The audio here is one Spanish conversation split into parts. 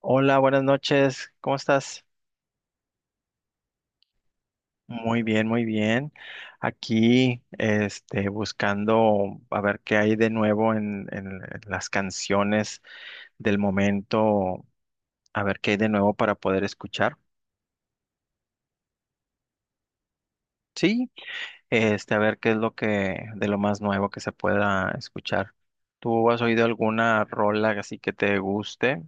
Hola, buenas noches. ¿Cómo estás? Muy bien, muy bien. Aquí, este, buscando a ver qué hay de nuevo en las canciones del momento, a ver qué hay de nuevo para poder escuchar. Sí, este, a ver qué es lo que, de lo más nuevo que se pueda escuchar. ¿Tú has oído alguna rola así que te guste?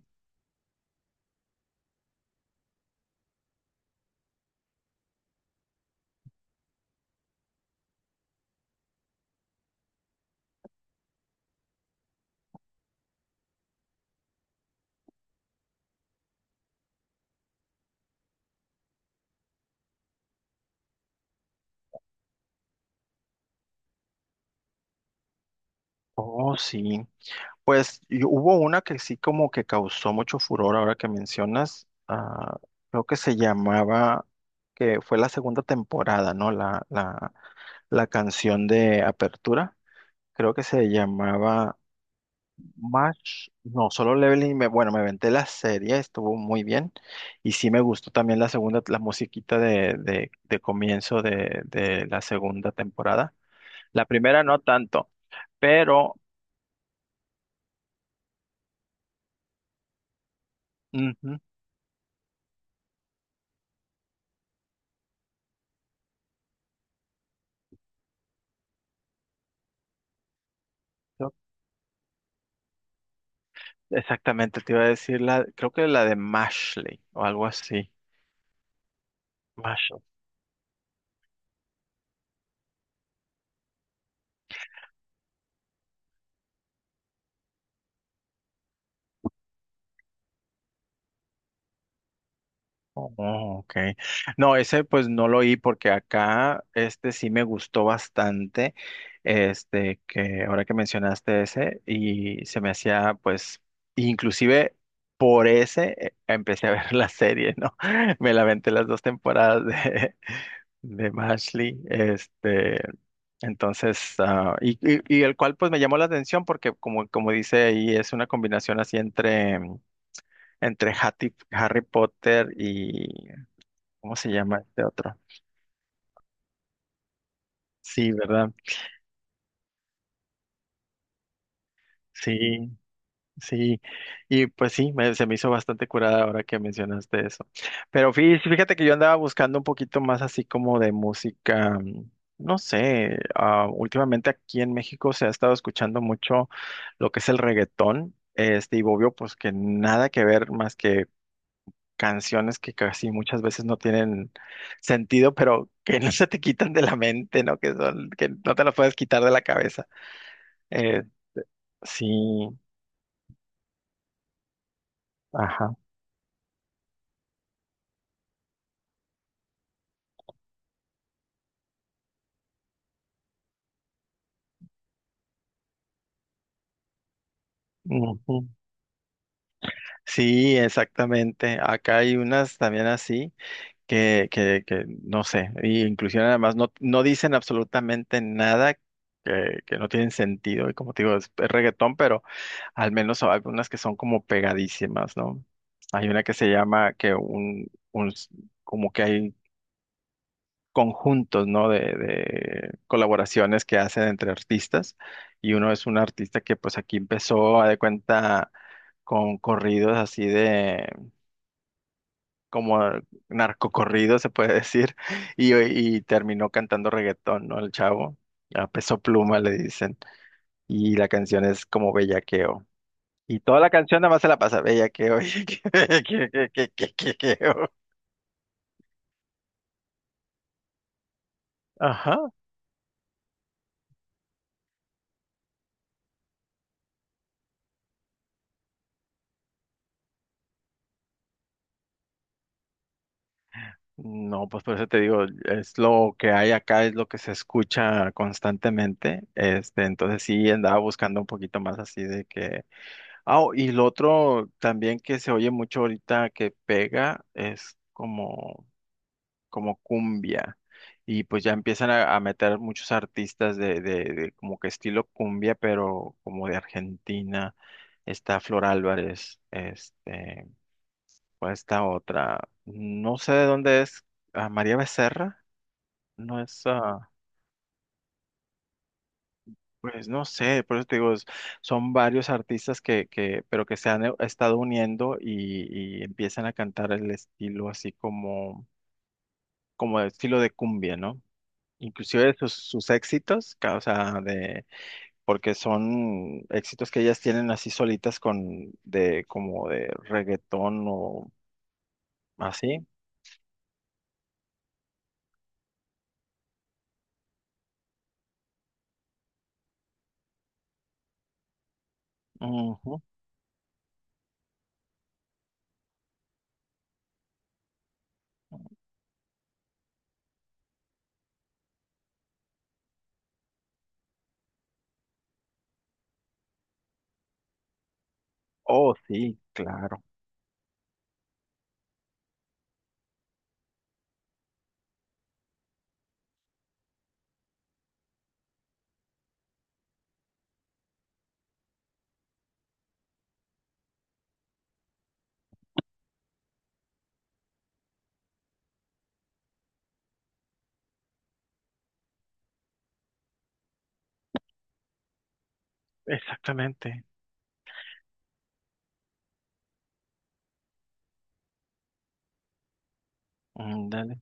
Oh, sí. Pues y hubo una que sí como que causó mucho furor ahora que mencionas, creo que se llamaba, que fue la segunda temporada, ¿no? La canción de apertura, creo que se llamaba Match, no, solo Leveling, bueno, me aventé la serie, estuvo muy bien y sí me gustó también la segunda, la musiquita de comienzo de la segunda temporada. La primera no tanto, pero... Ujú, creo. Exactamente, te iba a decir la, creo que la de Mashley o algo así. Mashley. Oh, ok. No, ese pues no lo oí porque acá este sí me gustó bastante. Este que ahora que mencionaste ese y se me hacía pues inclusive por ese empecé a ver la serie, ¿no? Me la aventé las dos temporadas de Mashley, este, entonces, y el cual pues me llamó la atención porque como, como dice ahí, es una combinación así entre Hattie- Harry Potter y, ¿cómo se llama este otro? Sí, ¿verdad? Sí, sí, y pues sí, me- se me hizo bastante curada ahora que mencionaste eso. Pero fí- fíjate que yo andaba buscando un poquito más así como de música, no sé, últimamente aquí en México se ha estado escuchando mucho lo que es el reggaetón, este, y obvio pues que nada que ver más que canciones que casi muchas veces no tienen sentido, pero que no se te quitan de la mente, ¿no? Que son, que no te las puedes quitar de la cabeza. Eh, sí, ajá. Sí, exactamente. Acá hay unas también así que no sé, y inclusive además no, no dicen absolutamente nada que, que no tienen sentido. Y como te digo, es reggaetón, pero al menos hay algunas que son como pegadísimas, ¿no? Hay una que se llama que un s- como que hay conjuntos, ¿no? De colaboraciones que hacen entre artistas. Y uno es un artista que pues aquí empezó, a de cuenta, con corridos así de como narcocorrido, se puede decir, y terminó cantando reggaetón, ¿no? El chavo, a peso pluma le dicen, y la canción es como bellaqueo. Y toda la canción nada más se la pasa bellaqueo, bellaqueo, bellaqueo. Bellaqueo. Ajá. No, pues por eso te digo, es lo que hay acá, es lo que se escucha constantemente. Este, entonces sí andaba buscando un poquito más así de que. Ah, oh, y lo otro también que se oye mucho ahorita que pega es como cumbia. Y pues ya empiezan a meter muchos artistas de como que estilo cumbia, pero como de Argentina. Está Flor Álvarez, este, o esta otra. No sé de dónde es, María Becerra, no es, pues no sé, por eso te digo, es- son varios artistas que, pero que se han estado uniendo y empiezan a cantar el estilo así como, como el estilo de cumbia, ¿no? Inclusive sus, sus éxitos, ca- o sea, de, porque son éxitos que ellas tienen así solitas con, de, como de reggaetón o así. Ujú. Oh, sí, claro, exactamente. Mm, dale.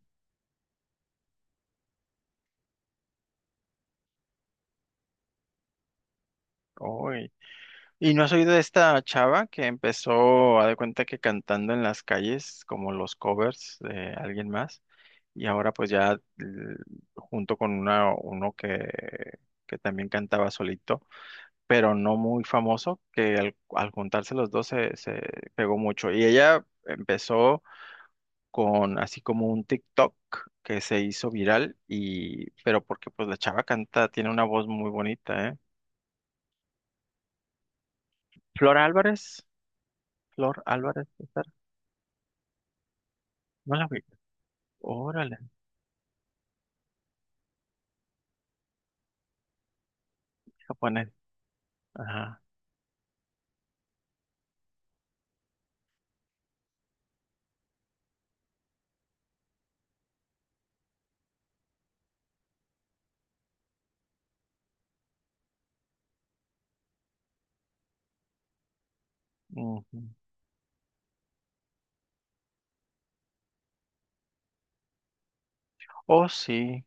Oy. ¿Y no has oído de esta chava que empezó, a de cuenta que cantando en las calles, como los covers de alguien más? Y ahora pues ya l- junto con una, uno que también cantaba solito pero no muy famoso, que al, al juntarse los dos se, se pegó mucho. Y ella empezó con así como un TikTok que se hizo viral, y, pero porque pues la chava canta, tiene una voz muy bonita, ¿eh? Flor Álvarez, Flor Álvarez, César, no la vi. Órale, japonés. Ajá. Ujú. Oh, sí.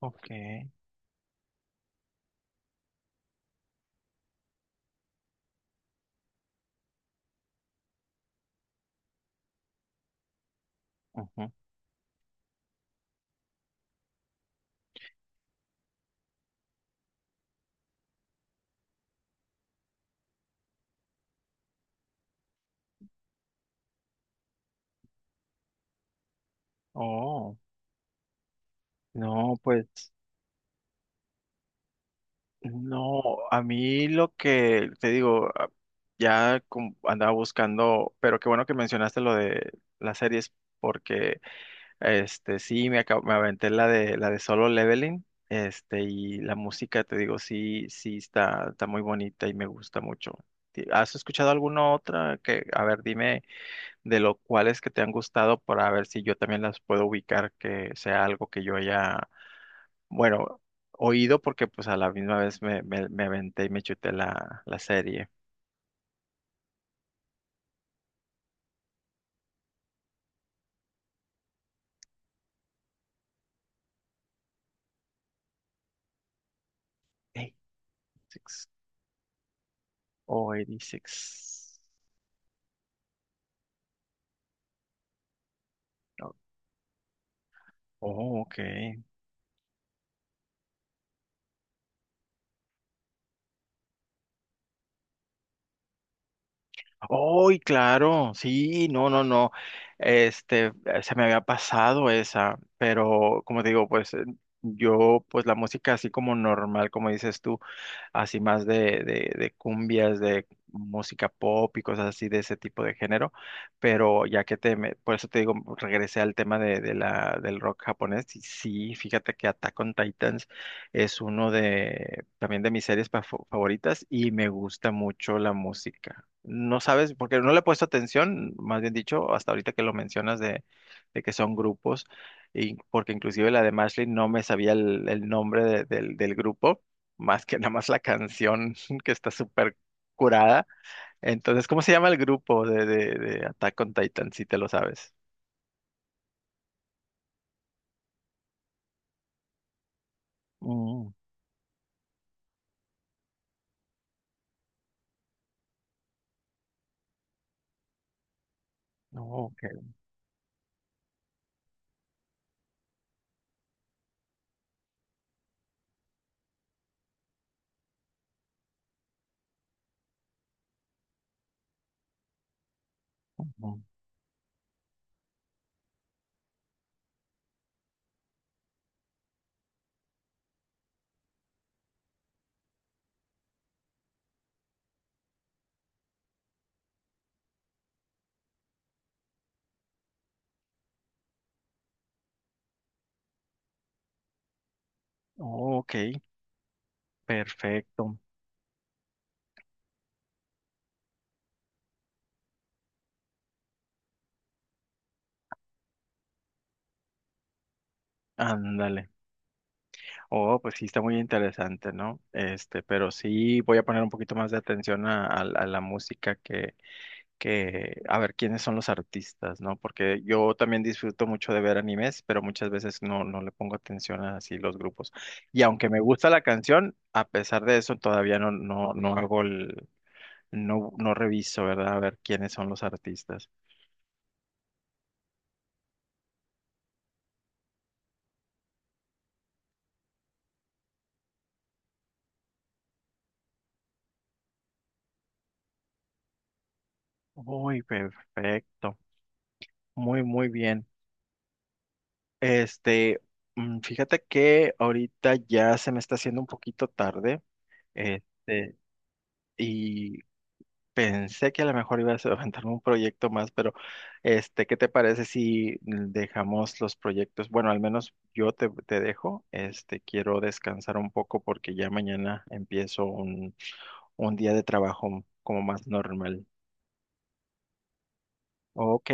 Ok. Ujú. Oh, no, pues. No, a mí lo que te digo, a- ya com- andaba buscando, pero qué bueno que mencionaste lo de las series, porque este sí me, acab- me aventé la de Solo Leveling, este, y la música, te digo, sí, sí está, está muy bonita y me gusta mucho. Ti- ¿Has escuchado alguna otra que, a ver, dime de lo cuales que te han gustado para ver si yo también las puedo ubicar, que sea algo que yo haya, bueno, oído porque pues a la misma vez me, me, me aventé y me chuté la, la serie. 86 o 86. No. Oh, oh, ok. ¡Ay, claro! Sí, no, no, no. Este, se me había pasado esa, pero como te digo, pues yo, pues la música así como normal, como dices tú, así más de cumbias, de música pop y cosas así de ese tipo de género, pero ya que te, me- por eso te digo, regresé al tema del rock japonés, y sí, fíjate que Attack on Titans es uno de, también de mis series pa- favoritas y me gusta mucho la música. No sabes, porque no le he puesto atención, más bien dicho, hasta ahorita que lo mencionas de que son grupos, y porque inclusive la de Mashley no me sabía el nombre de- del del grupo, más que nada más la canción que está súper curada. Entonces, ¿cómo se llama el grupo de Attack on Titan, si te lo sabes? Mm, ok, mm, ok, perfecto. Ándale. Oh, pues sí, está muy interesante, ¿no? Este, pero sí voy a poner un poquito más de atención a la música que a ver quiénes son los artistas, ¿no? Porque yo también disfruto mucho de ver animes, pero muchas veces no, no le pongo atención a así los grupos. Y aunque me gusta la canción, a pesar de eso todavía no, no hago el, no, no reviso, ¿verdad? A ver quiénes son los artistas. Uy, perfecto. Muy, muy bien. Este, mm, fíjate que ahorita ya se me está haciendo un poquito tarde. Este, y pensé que a lo mejor ibas a aventarme un proyecto más, pero este, ¿qué te parece si dejamos los proyectos? Bueno, al menos yo te, te dejo. Este, quiero descansar un poco porque ya mañana empiezo un día de trabajo como más normal. Ok,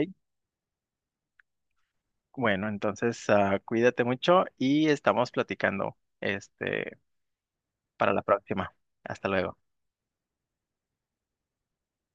bueno, entonces cuídate mucho y estamos platicando este, para la próxima. Hasta luego.